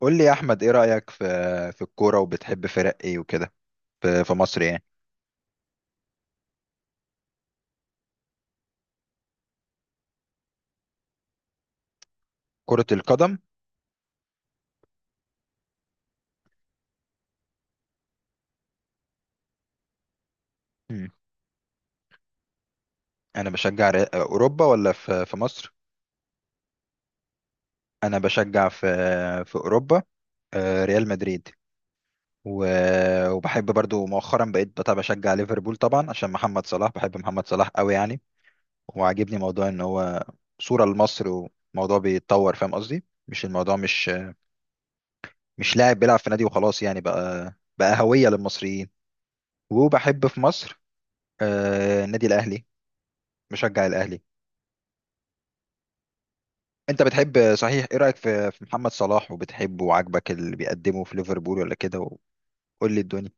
قول لي يا احمد، ايه رايك في الكوره وبتحب فرق ايه وكده في في مصر يعني؟ كره القدم. مم. انا بشجع اوروبا ولا في في مصر؟ انا بشجع في في اوروبا، ريال مدريد. وبحب برضو مؤخرا بقيت بتاع بشجع ليفربول طبعا عشان محمد صلاح، بحب محمد صلاح قوي يعني. وعاجبني موضوع ان هو صوره لمصر، وموضوع بيتطور، فاهم قصدي؟ مش مش لاعب بيلعب في نادي وخلاص يعني، بقى بقى هويه للمصريين. وبحب في مصر النادي الاهلي، مشجع الاهلي. انت بتحب صحيح، ايه رايك في محمد صلاح؟ وبتحبه وعاجبك اللي بيقدمه في ليفربول ولا كده؟ وقول لي الدنيا.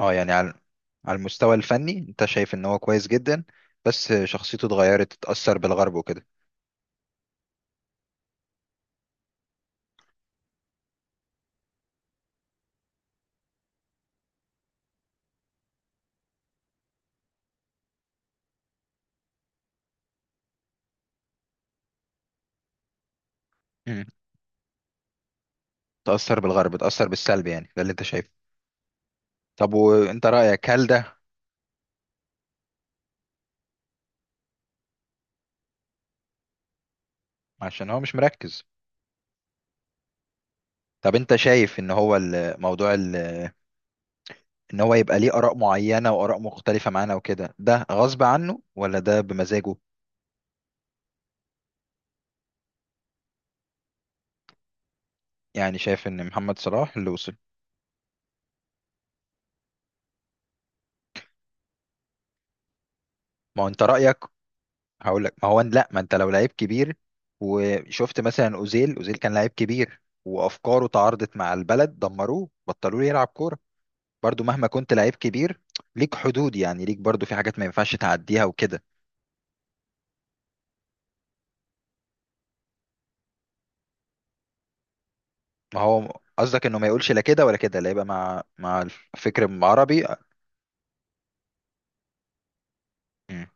اه يعني على المستوى الفني انت شايف ان هو كويس جدا بس شخصيته اتغيرت، اتاثر بالغرب وكده. مم. اتاثر بالغرب، اتاثر بالسلب يعني، ده اللي انت شايفه؟ طب وانت رايك هل ده عشان هو مش مركز؟ طب انت شايف ان هو الموضوع ان هو يبقى ليه اراء معينه واراء مختلفه معانا وكده ده غصب عنه ولا ده بمزاجه؟ يعني شايف ان محمد صلاح اللي وصل، ما هو انت رأيك، هقول لك. ما هو لا، ما انت لو لعيب كبير وشفت مثلا اوزيل، اوزيل كان لعيب كبير وافكاره تعارضت مع البلد، دمروه بطلوا له يلعب كورة. برضو مهما كنت لعيب كبير ليك حدود يعني، ليك برضو في حاجات ما ينفعش تعديها وكده. ما هو قصدك انه ما يقولش لا كده ولا كده، لا يبقى مع الفكر العربي. مم.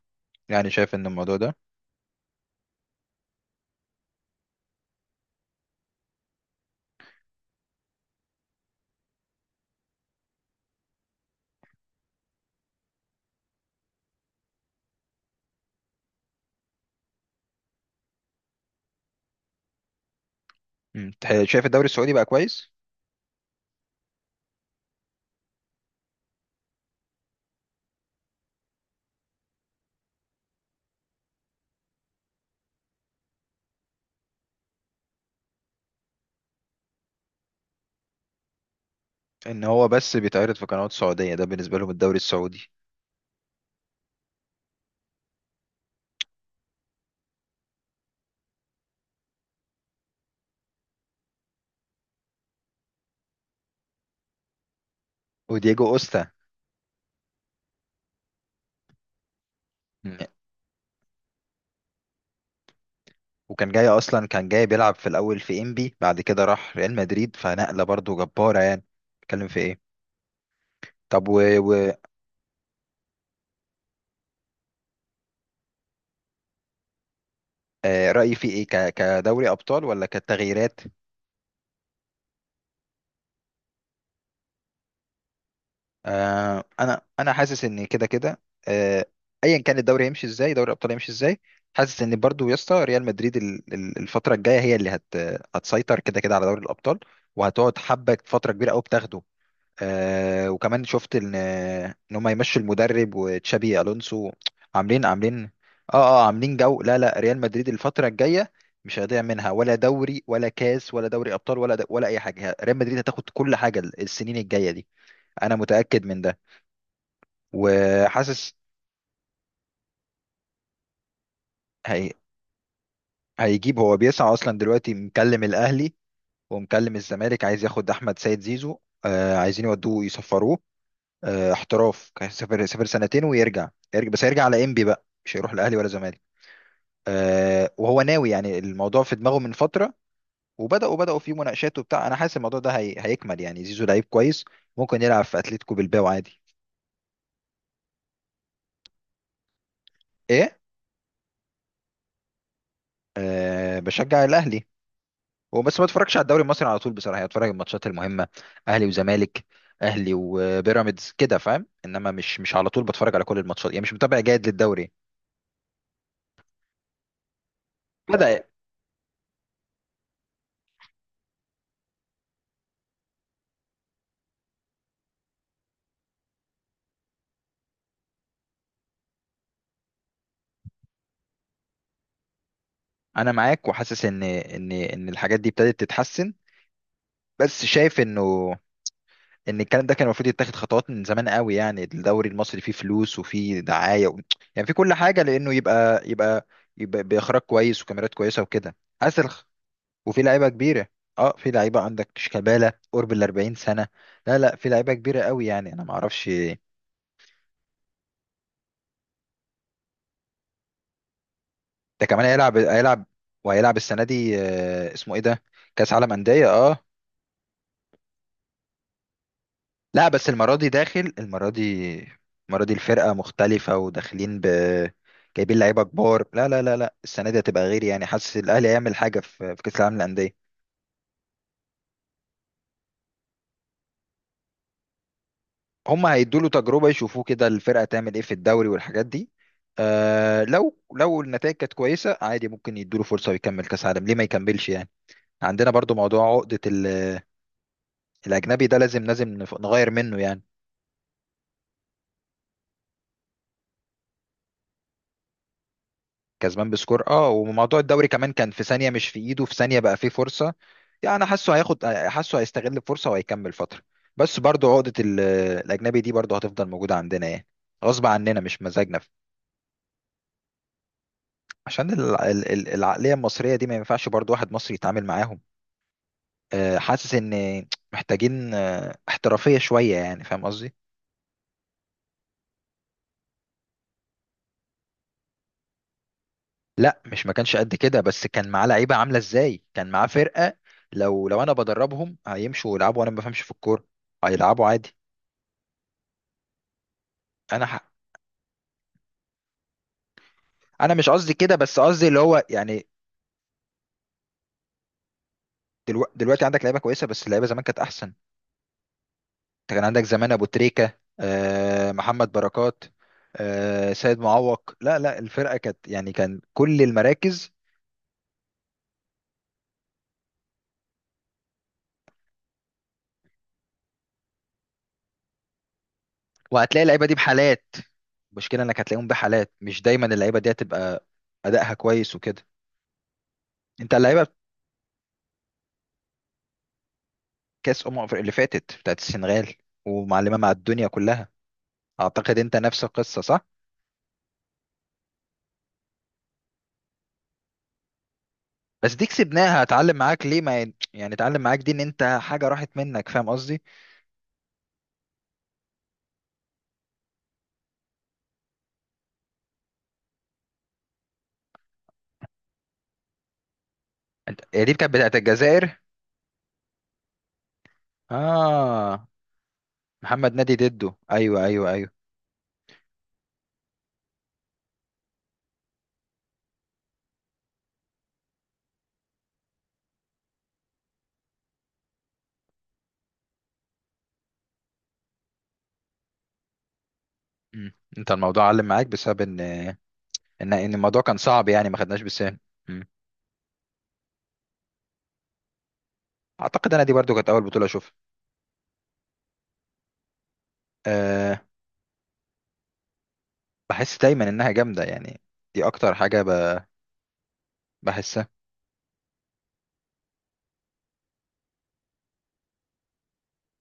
يعني شايف ان الموضوع ده. شايف الدوري السعودي بقى كويس؟ ان هو بس بيتعرض في قنوات سعودية، ده بالنسبة لهم الدوري السعودي. ودييجو اوستا. مم. وكان جاي اصلا، كان جاي بيلعب في الاول في انبي، بعد كده راح ريال مدريد، فنقله برضو جباره يعني. اتكلم في ايه؟ طب و... و... رايي في ايه؟ كدوري ابطال ولا كتغييرات؟ آه، انا حاسس ان كده كده، آه، ايا كان الدوري هيمشي ازاي، دوري الابطال هيمشي ازاي، حاسس ان برضو يا اسطى ريال مدريد الفتره الجايه هي اللي هتسيطر كده كده على دوري الابطال، وهتقعد حبه فتره كبيره قوي بتاخده. آه وكمان شفت ان هم يمشوا المدرب وتشابي الونسو. عاملين، عاملين، اه اه، عاملين جو، لا لا، ريال مدريد الفتره الجايه مش هيضيع منها ولا دوري ولا كاس ولا دوري ابطال ولا اي حاجه، ريال مدريد هتاخد كل حاجه السنين الجايه دي، انا متاكد من ده وحاسس. هي هيجيب، هو بيسعى اصلا دلوقتي، مكلم الاهلي ومكلم الزمالك، عايز ياخد احمد سيد زيزو. آه عايزين يودوه يصفروه، احتراف، كان سافر، سافر سنتين ويرجع. يرجع بس هيرجع على انبي بقى، مش هيروح الاهلي ولا زمالك. وهو ناوي يعني، الموضوع في دماغه من فتره. وبداوا، بداوا في مناقشات وبتاع، انا حاسس الموضوع ده هيكمل يعني. زيزو لعيب كويس، ممكن يلعب في اتلتيكو بالباو عادي. ايه؟ أه بشجع الاهلي وبس، ما اتفرجش على الدوري المصري على طول بصراحه يعني، اتفرج على الماتشات المهمه: اهلي وزمالك، اهلي وبيراميدز كده، فاهم؟ انما مش مش على طول بتفرج على كل الماتشات يعني، مش متابع جيد للدوري. لا بدا. انا معاك وحاسس ان ان الحاجات دي ابتدت تتحسن، بس شايف انه ان الكلام ده كان المفروض يتاخد خطوات من زمان قوي يعني. الدوري المصري فيه فلوس وفيه دعاية و... يعني في كل حاجة، لانه يبقى يبقى باخراج كويس وكاميرات كويسة وكده. اسل، وفي لعيبة كبيرة، اه في لعيبة، عندك شيكابالا قرب ال 40 سنة، لا لا في لعيبة كبيرة قوي يعني انا ما اعرفش. ده كمان هيلعب، وهيلعب السنة دي، اسمه ايه ده؟ كأس عالم أندية، اه. لا بس المرة دي داخل، المرة دي، المرة دي الفرقة مختلفة وداخلين ب، جايبين لعيبة كبار، لا لا لا لا، السنة دي هتبقى غير يعني، حاسس الأهلي هيعمل حاجة في في كأس العالم للأندية. هم هيدوا له تجربة، يشوفوه كده الفرقة تعمل إيه في الدوري والحاجات دي، آه لو لو النتائج كانت كويسة عادي ممكن يدوا له فرصة ويكمل كأس عالم، ليه ما يكملش يعني؟ عندنا برضو موضوع عقدة الأجنبي ده، لازم لازم نغير منه يعني. كسبان بسكور، اه، وموضوع الدوري كمان كان في ثانية مش في ايده، في ثانية بقى فيه فرصة يعني. انا حاسه هياخد، حاسه هيستغل الفرصة وهيكمل فترة. بس برضو عقدة الاجنبي دي برضو هتفضل موجودة عندنا يعني، غصب عننا مش مزاجنا. عشان العقلية المصرية دي ما ينفعش برضو واحد مصري يتعامل معاهم. حاسس ان محتاجين احترافية شوية يعني، فاهم قصدي؟ لا مش ما كانش قد كده، بس كان معاه لعيبة عاملة ازاي، كان معاه فرقة. لو لو انا بدربهم هيمشوا يلعبوا، وانا ما بفهمش في الكورة، هيلعبوا عادي. انا ح... انا مش قصدي كده، بس قصدي اللي هو يعني. دلوقتي عندك لعيبه كويسه، بس اللعيبه زمان كانت احسن. انت كان عندك زمان ابو تريكه، آه، محمد بركات، آه، سيد معوق، لا لا الفرقه كانت يعني كان كل المراكز. وهتلاقي اللعيبه دي بحالات، المشكله انك هتلاقيهم بحالات، مش دايما اللعيبه دي هتبقى ادائها كويس وكده. انت اللعيبه. كاس أفريقيا اللي فاتت بتاعت السنغال، ومعلمه مع الدنيا كلها. اعتقد انت نفس القصه صح؟ بس دي كسبناها، اتعلم معاك ليه ما ي- يعني اتعلم معاك دي ان انت حاجه راحت منك، فاهم قصدي؟ انت هي دي كانت بتاعت الجزائر، اه، محمد نادي ديدو، ايوه ايوه ايوه. انت الموضوع علم معاك بسبب ان ان الموضوع كان صعب يعني، ما خدناش بسهل. مم. اعتقد انا دي برضو كانت اول بطوله اشوفها. أه بحس دايما انها جامده يعني، دي اكتر حاجه بحسها.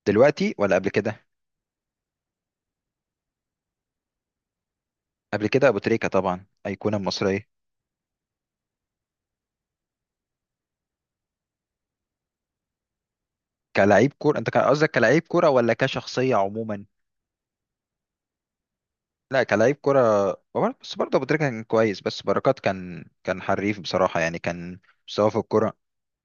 دلوقتي ولا قبل كده؟ قبل كده ابو تريكه طبعا، ايقونه مصريه. كلاعب كوره، انت كان قصدك كلاعب كوره ولا كشخصيه عموما؟ لا كلاعب كرة، بس برضه أبو تريكة كان كويس، بس بركات كان، كان حريف بصراحة يعني، كان مستواه في الكرة.